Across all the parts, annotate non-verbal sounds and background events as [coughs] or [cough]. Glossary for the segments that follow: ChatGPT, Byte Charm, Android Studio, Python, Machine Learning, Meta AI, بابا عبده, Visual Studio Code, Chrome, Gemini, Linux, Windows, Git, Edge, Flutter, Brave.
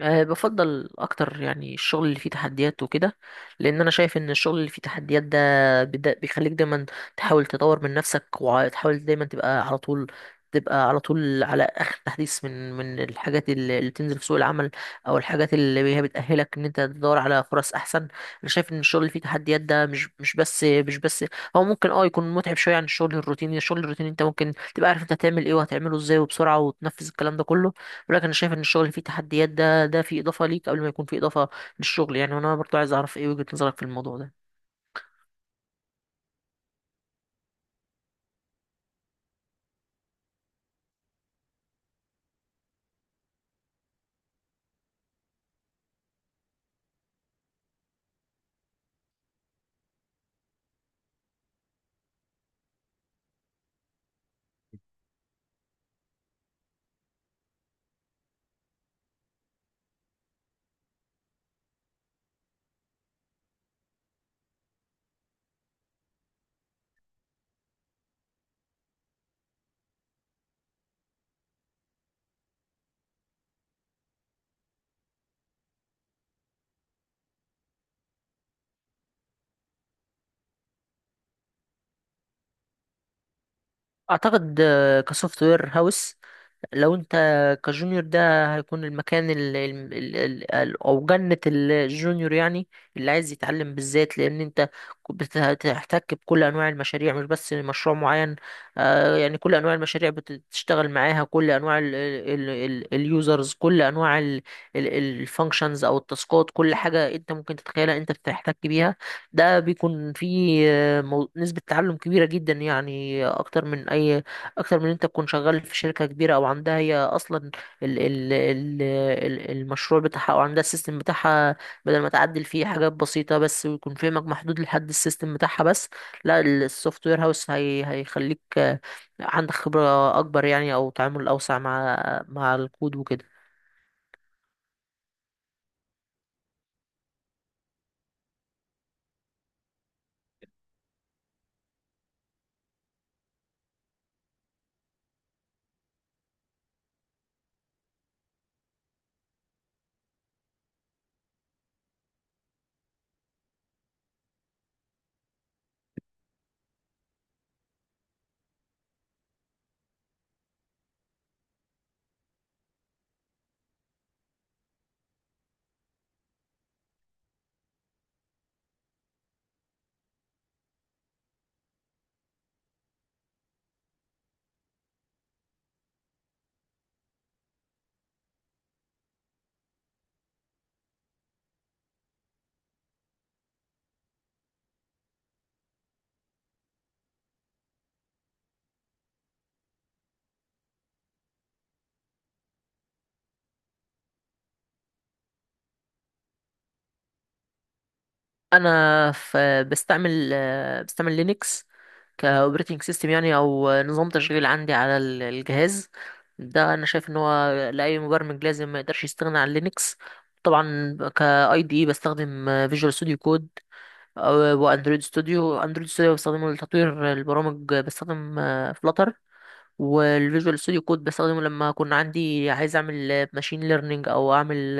بفضل اكتر يعني الشغل اللي فيه تحديات وكده. لان انا شايف ان الشغل اللي فيه تحديات ده بيخليك دايما تحاول تطور من نفسك، وتحاول دايما تبقى على طول على اخر تحديث من الحاجات اللي بتنزل في سوق العمل، او الحاجات اللي هي بتاهلك ان انت تدور على فرص احسن. انا شايف ان الشغل اللي فيه تحديات ده مش بس هو ممكن يكون متعب شويه عن الشغل الروتيني. الشغل الروتيني انت ممكن تبقى عارف انت هتعمل ايه وهتعمله ازاي وبسرعه، وتنفذ الكلام ده كله بيقول لك. انا شايف ان الشغل اللي فيه تحديات ده فيه اضافه ليك قبل ما يكون فيه اضافه للشغل يعني، وانا برضو عايز اعرف ايه وجهه نظرك في الموضوع ده. اعتقد كسوفت وير هاوس، لو انت كجونيور ده، هيكون المكان ال ال ال ال ال او جنة الجونيور يعني، اللي عايز يتعلم بالذات. لان انت هتحتك بكل انواع المشاريع، مش بس مشروع معين. يعني كل انواع المشاريع بتشتغل معاها، كل انواع اليوزرز، كل انواع الفانكشنز او التاسكات، كل حاجة انت ممكن تتخيلها انت بتحتك بيها. ده بيكون فيه نسبة تعلم كبيرة جدا يعني، اكتر من إن انت تكون شغال في شركه كبيره، او عندها هي اصلا ال ال ال ال المشروع بتاعها، او عندها السيستم بتاعها، بدل ما تعدل فيه حاجات بسيطه بس، ويكون فهمك محدود لحد السيستم بتاعها بس. لا، السوفت وير هاوس هي هيخليك عندك خبره اكبر يعني، او تعامل اوسع مع الكود وكده. انا بستعمل لينكس كاوبريتنج سيستم يعني، او نظام تشغيل عندي على الجهاز ده. انا شايف ان هو لاي مبرمج لازم ما يقدرش يستغنى عن لينكس. طبعا كاي دي اي، بستخدم فيجوال ستوديو كود واندرويد ستوديو. اندرويد ستوديو بستخدمه لتطوير البرامج، بستخدم فلاتر. والفيجوال ستوديو كود بستخدمه لما كنا عندي عايز اعمل ماشين ليرنينج، او اعمل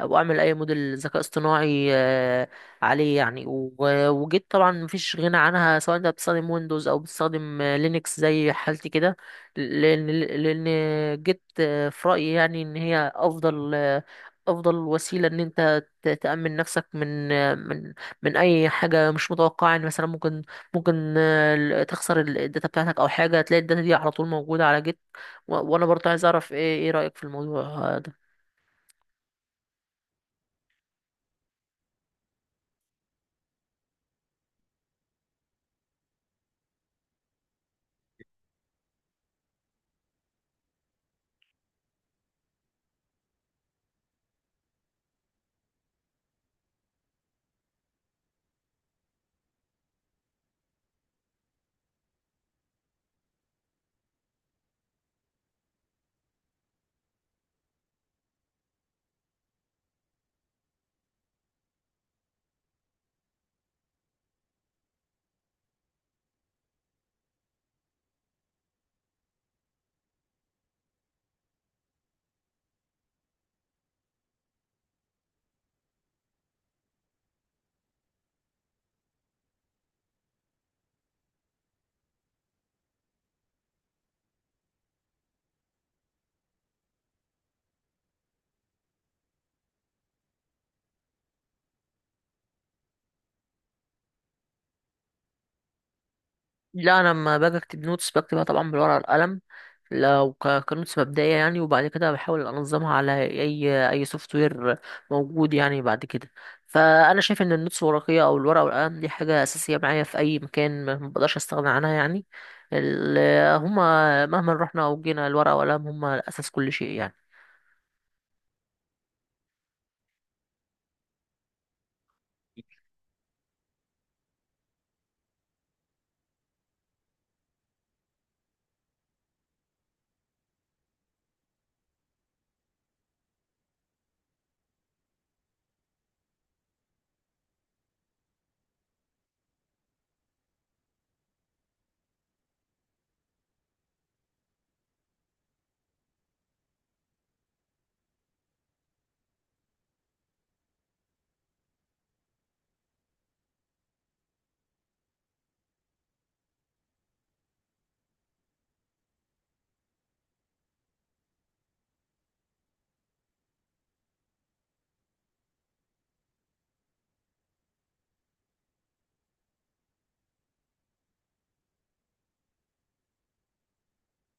او اعمل اي موديل ذكاء اصطناعي عليه يعني. وجيت طبعا مفيش غنى عنها، سواء انت بتستخدم ويندوز او بتستخدم لينكس زي حالتي كده. لان جيت في رايي يعني ان هي افضل وسيله ان انت تامن نفسك من من اي حاجه مش متوقعه يعني. مثلا ممكن تخسر الداتا بتاعتك، او حاجه، تلاقي الداتا دي على طول موجوده على جيت. وانا برضه عايز اعرف ايه رايك في الموضوع ده. لا، انا لما باجي اكتب نوتس بكتبها طبعا بالورقه والقلم، لو كنوتس مبدئيه يعني، وبعد كده بحاول انظمها على اي سوفت وير موجود يعني بعد كده. فانا شايف ان النوتس الورقيه او الورقه والقلم دي حاجه اساسيه معايا في اي مكان، ما بقدرش استغنى عنها يعني. هما مهما رحنا او جينا، الورقه والقلم هما اساس كل شيء يعني.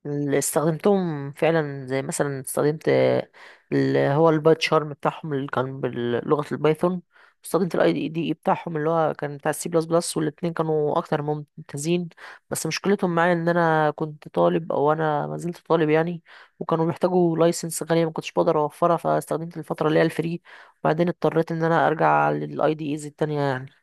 اللي استخدمتهم فعلا، زي مثلا استخدمت اللي هو البايت شارم بتاعهم اللي كان بلغة البايثون، استخدمت الاي دي اي بتاعهم اللي هو كان بتاع السي بلس بلس، والاتنين كانوا اكتر من ممتازين. بس مشكلتهم معايا ان انا كنت طالب، او انا ما زلت طالب يعني، وكانوا بيحتاجوا لايسنس غالية ما كنتش بقدر اوفرها، فاستخدمت الفترة اللي هي الفري، وبعدين اضطريت ان انا ارجع للاي دي ايز التانية يعني.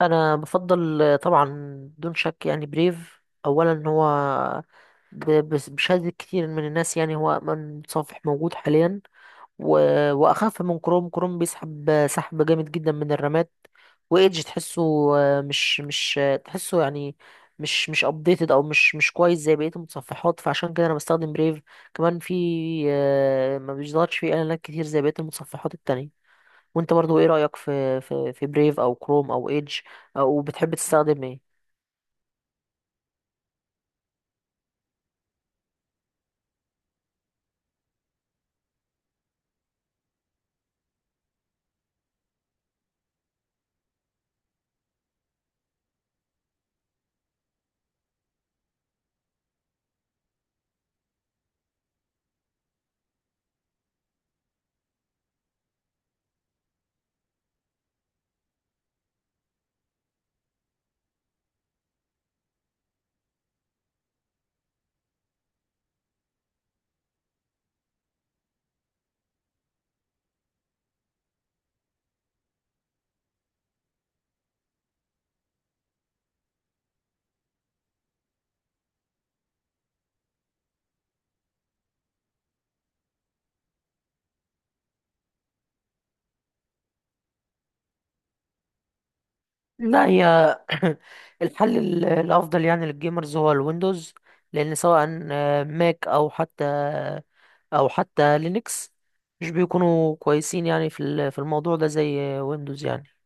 انا بفضل طبعا دون شك يعني بريف اولا. هو بشهادة كتير من الناس يعني هو أمن صفح موجود حاليا، و... وأخف من كروم. كروم بيسحب سحب جامد جدا من الرامات. وإيدج تحسه آه، مش مش آه، تحسه يعني مش مش ابديتد، او مش كويس زي بقيه المتصفحات، فعشان كده انا بستخدم بريف. كمان في ما بيظهرش فيه اعلانات كتير زي بقيه المتصفحات التانية. وانت برضو ايه رأيك في بريف او كروم او ايدج، او بتحب تستخدم ايه؟ لا، هي [coughs] الحل الافضل يعني للجيمرز هو الويندوز. لان سواء ماك، او حتى لينكس، مش بيكونوا كويسين يعني في الموضوع ده زي ويندوز يعني.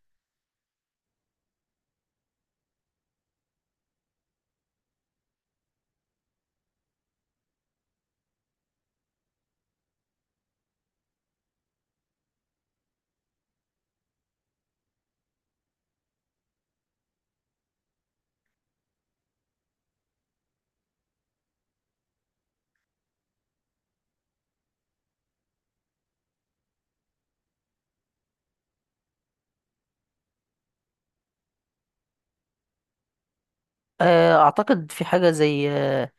اعتقد في حاجه زي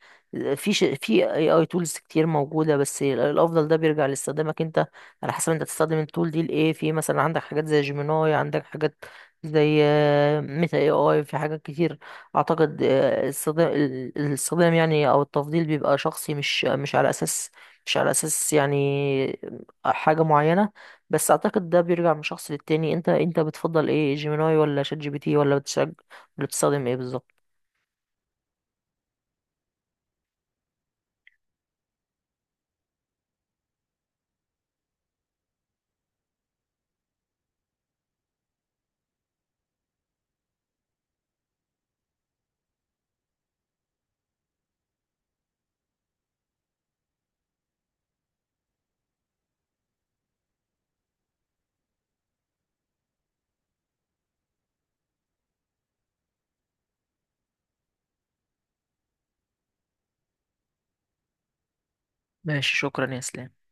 في اي اي تولز كتير موجوده، بس الافضل ده بيرجع لاستخدامك انت، على حسب انت تستخدم التول دي لايه. في مثلا عندك حاجات زي جيميناي، عندك حاجات زي ميتا اي اي، في حاجات كتير. اعتقد الاستخدام يعني او التفضيل بيبقى شخصي، مش على اساس يعني حاجه معينه. بس اعتقد ده بيرجع من شخص للتاني. انت بتفضل ايه، جيميناي ولا شات جي بي تي، ولا بتستخدم ايه بالظبط؟ ماشي، شكرا يا اسلام.